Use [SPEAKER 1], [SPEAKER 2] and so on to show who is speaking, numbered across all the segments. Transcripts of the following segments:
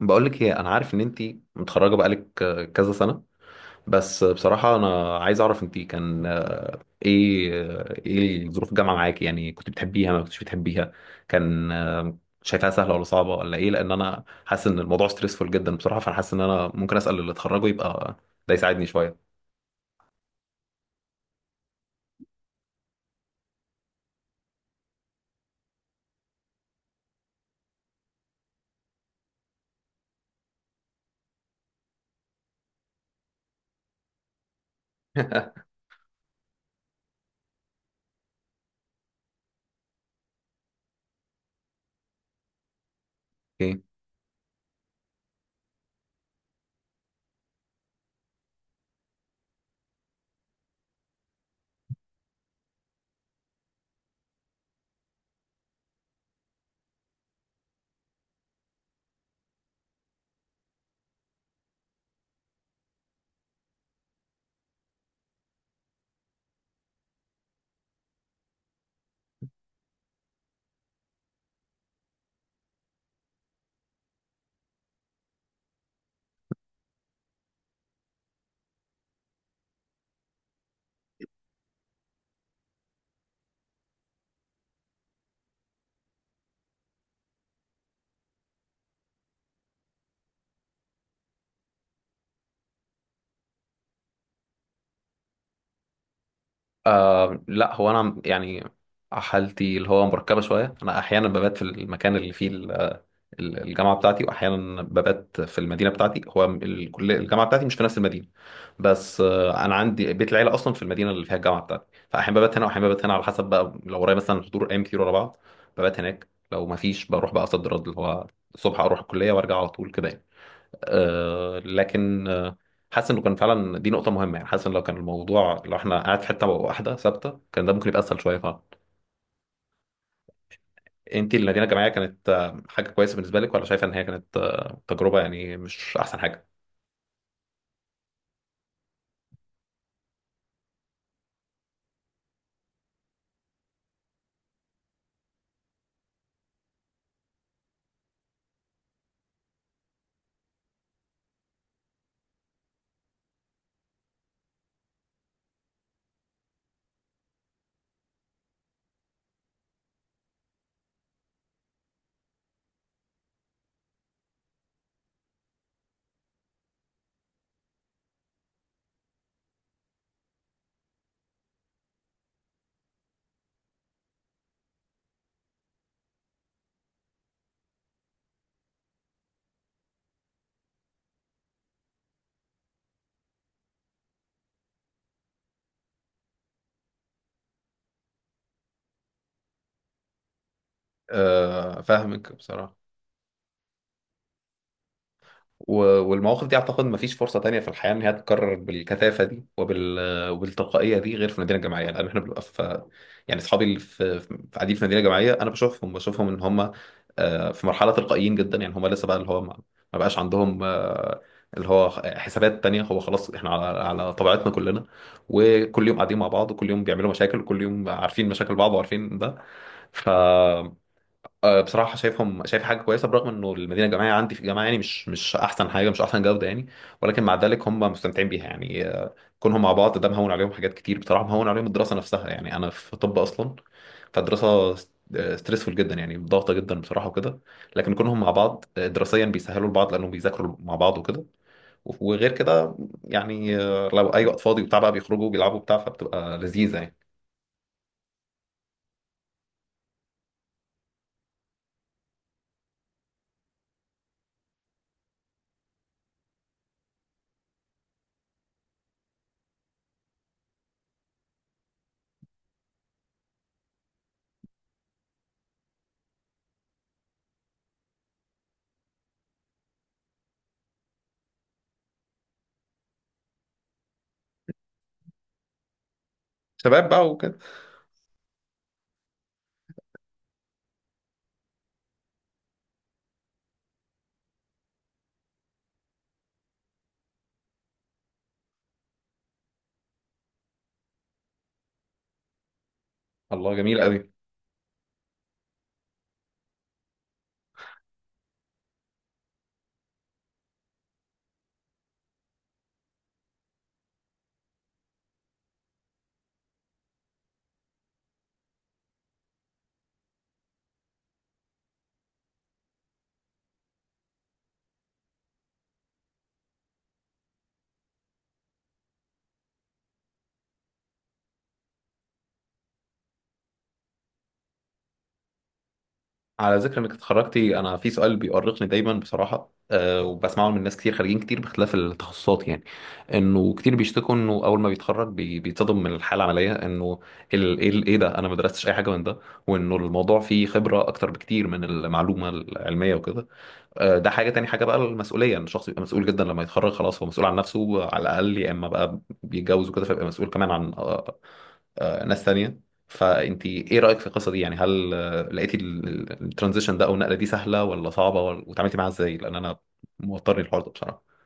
[SPEAKER 1] بقولك ايه، انا عارف ان انتي متخرجه بقالك كذا سنه. بس بصراحه انا عايز اعرف انتي كان ايه ايه ظروف الجامعه معاكي؟ يعني كنت بتحبيها ما كنتش بتحبيها، كان شايفاها سهله ولا صعبه ولا ايه؟ لان انا حاسس ان الموضوع ستريسفول جدا بصراحه، فانا حاسس ان انا ممكن اسال اللي اتخرجوا يبقى ده يساعدني شويه. اوكي. آه لا، هو انا يعني حالتي اللي هو مركبه شويه، انا احيانا ببات في المكان اللي فيه الجامعه بتاعتي واحيانا ببات في المدينه بتاعتي. هو الكليه الجامعه بتاعتي مش في نفس المدينه، بس انا عندي بيت العيله اصلا في المدينه اللي فيها الجامعه بتاعتي، فاحيانا ببات هنا واحيانا ببات هنا على حسب بقى. لو ورايا مثلا حضور ايام كتير ورا بعض ببات هناك، لو ما فيش بروح بقى صد رد اللي هو الصبح اروح الكليه وارجع على طول كده يعني. أه لكن حاسس انه كان فعلا دي نقطه مهمه، يعني حاسس ان لو كان الموضوع لو احنا قاعد في حته واحده ثابته كان ده ممكن يبقى اسهل شويه. انت المدينه الجامعيه كانت حاجه كويسه بالنسبه لك ولا شايفه ان هي كانت تجربه يعني مش احسن حاجه؟ فاهمك بصراحه. والمواقف دي اعتقد ما فيش فرصه تانية في الحياه ان هي تتكرر بالكثافه دي وبالتلقائيه دي غير في المدينه الجامعيه، لان احنا بنبقى في، يعني اصحابي اللي في في قاعدين في المدينه الجامعيه انا بشوفهم بشوفهم ان هم في مرحله تلقائيين جدا، يعني هم لسه بقى اللي هو ما ما بقاش عندهم اللي هو حسابات تانية، هو خلاص احنا على طبيعتنا كلنا، وكل يوم قاعدين مع بعض وكل يوم بيعملوا مشاكل وكل يوم عارفين مشاكل بعض وعارفين ده. ف بصراحة شايفهم، شايف حاجة كويسة برغم انه المدينة الجامعية عندي في الجامعة يعني مش مش احسن حاجة، مش احسن جودة يعني. ولكن مع ذلك هم مستمتعين بيها، يعني كونهم مع بعض ده مهون عليهم حاجات كتير بصراحة، مهون عليهم الدراسة نفسها، يعني انا في طب اصلا فالدراسة ستريسفول جدا، يعني ضغطة جدا بصراحة وكده. لكن كونهم مع بعض دراسيا بيسهلوا لبعض لانهم بيذاكروا مع بعض وكده. وغير كده يعني لو اي وقت فاضي وبتاع بقى بيخرجوا بيلعبوا بتاع، فبتبقى لذيذة يعني، شباب بقى وكده. الله جميل قوي. على ذكر انك اتخرجتي، انا في سؤال بيؤرقني دايما بصراحه، أه، وبسمعه من ناس كتير خارجين كتير باختلاف التخصصات، يعني انه كتير بيشتكوا انه اول ما بيتخرج بيتصدم من الحاله العمليه، انه ايه ده، انا ما درستش اي حاجه من ده، وانه الموضوع فيه خبره اكتر بكتير من المعلومه العلميه وكده. أه ده حاجه، تاني حاجه بقى المسؤوليه، ان الشخص يبقى مسؤول جدا لما يتخرج خلاص، هو مسؤول عن نفسه على الاقل، يا اما بقى بيتجوز وكده فيبقى مسؤول كمان عن ناس تانية. فانت ايه رأيك في القصة دي؟ يعني هل لقيتي الترانزيشن ده او النقلة دي سهلة ولا صعبة وتعاملتي معاها ازاي؟ لان انا موترني الحوار ده بصراحة.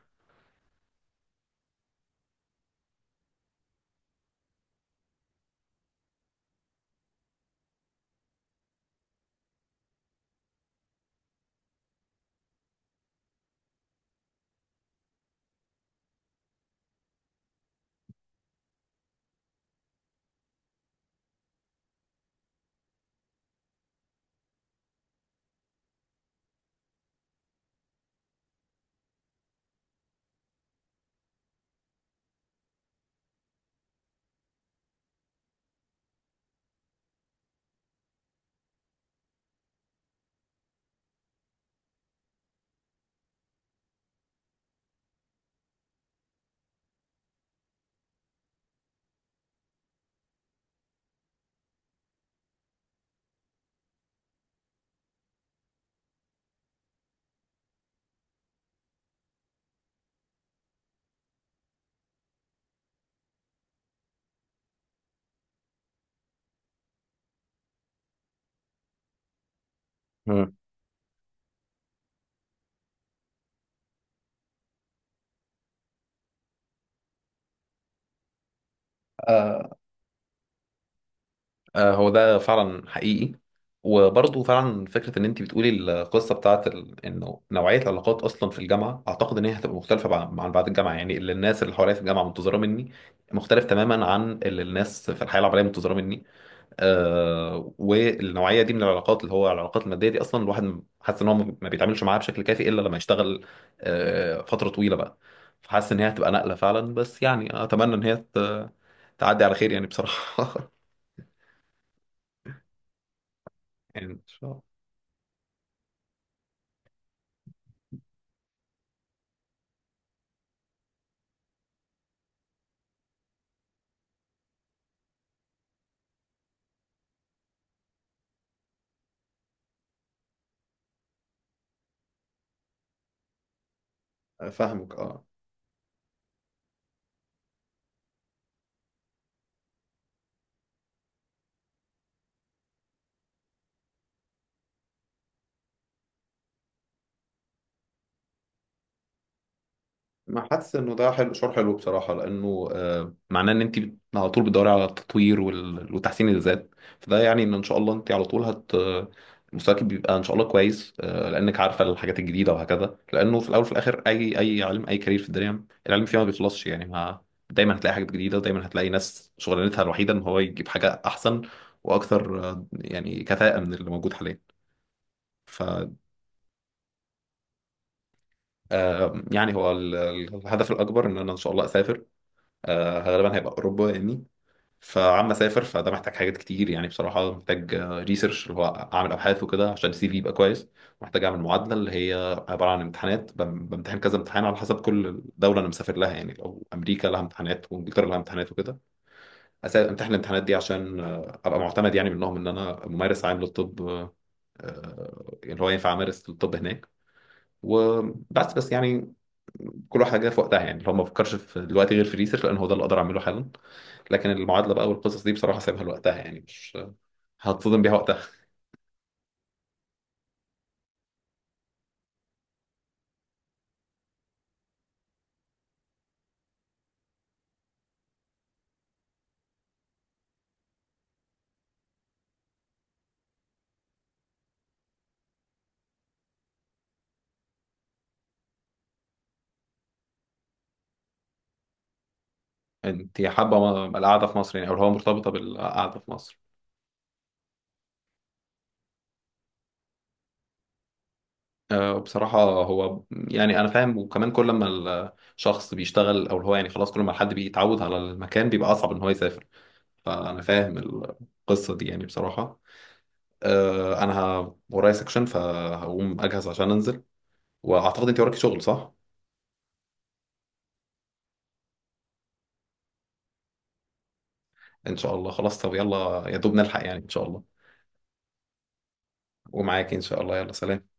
[SPEAKER 1] مم. آه، هو ده فعلا حقيقي، وبرضه فعلا فكرة إن أنت بتقولي القصة بتاعت ال... إنه نوعية العلاقات أصلا في الجامعة أعتقد إن هي هتبقى مختلفة عن بعد الجامعة، يعني اللي الناس اللي حواليا في الجامعة منتظرة مني مختلف تماما عن اللي الناس في الحياة العملية منتظرة مني. آه والنوعيه دي من العلاقات اللي هو العلاقات الماديه دي اصلا الواحد حاسس ان هو ما بيتعاملش معاها بشكل كافي الا لما يشتغل فتره طويله بقى، فحاسس ان هي هتبقى نقله فعلا، بس يعني اتمنى ان هي تعدي على خير يعني بصراحه. يعني إن شاء الله. فاهمك اه. ما حاسس انه ده حلو، شعور حلو بصراحه، لانه معناه ان انت على طول بتدوري على التطوير وتحسين الذات. فده يعني ان ان شاء الله انت على طول مستواك بيبقى ان شاء الله كويس لانك عارفه الحاجات الجديده وهكذا، لانه في الاول وفي الاخر اي علم اي كارير في الدنيا العلم فيها ما بيخلصش يعني، ما دايما هتلاقي حاجات جديده ودايما هتلاقي ناس شغلانتها الوحيده ان هو يجيب حاجه احسن واكثر يعني كفاءه من اللي موجود حاليا. ف يعني هو الهدف الاكبر ان انا ان شاء الله اسافر، غالبا هيبقى اوروبا يعني. فعم اسافر، فده محتاج حاجات كتير يعني بصراحه، محتاج ريسيرش اللي هو اعمل ابحاث وكده عشان السي في يبقى كويس. محتاج اعمل معادله اللي هي عباره عن امتحانات، بمتحن كذا امتحان على حسب كل دوله انا مسافر لها، يعني لو امريكا لها امتحانات وانجلترا لها امتحانات وكده. امتحن الامتحانات دي عشان ابقى معتمد يعني منهم ان انا ممارس عام للطب، اللي هو ينفع امارس الطب هناك. وبس بس يعني، كل حاجه في وقتها، يعني لو ما بفكرش في دلوقتي غير في ريسيرش لان هو ده اللي اقدر اعمله حالا، لكن المعادله بقى والقصص دي بصراحه سايبها لوقتها يعني، مش هتصدم بيها وقتها. انت حابه القعده في مصر يعني او اللي هو مرتبطه بالقعده في مصر؟ بصراحه هو يعني انا فاهم، وكمان كل ما الشخص بيشتغل او اللي هو يعني خلاص كل ما الحد بيتعود على المكان بيبقى اصعب ان هو يسافر، فانا فاهم القصه دي يعني بصراحه. انا ورايا سكشن فهقوم اجهز عشان انزل، واعتقد انت وراكي شغل، صح؟ ان شاء الله خلاص، طب يلا يا دوب نلحق يعني ان شاء الله. ومعاكي ان شاء الله، يلا سلام.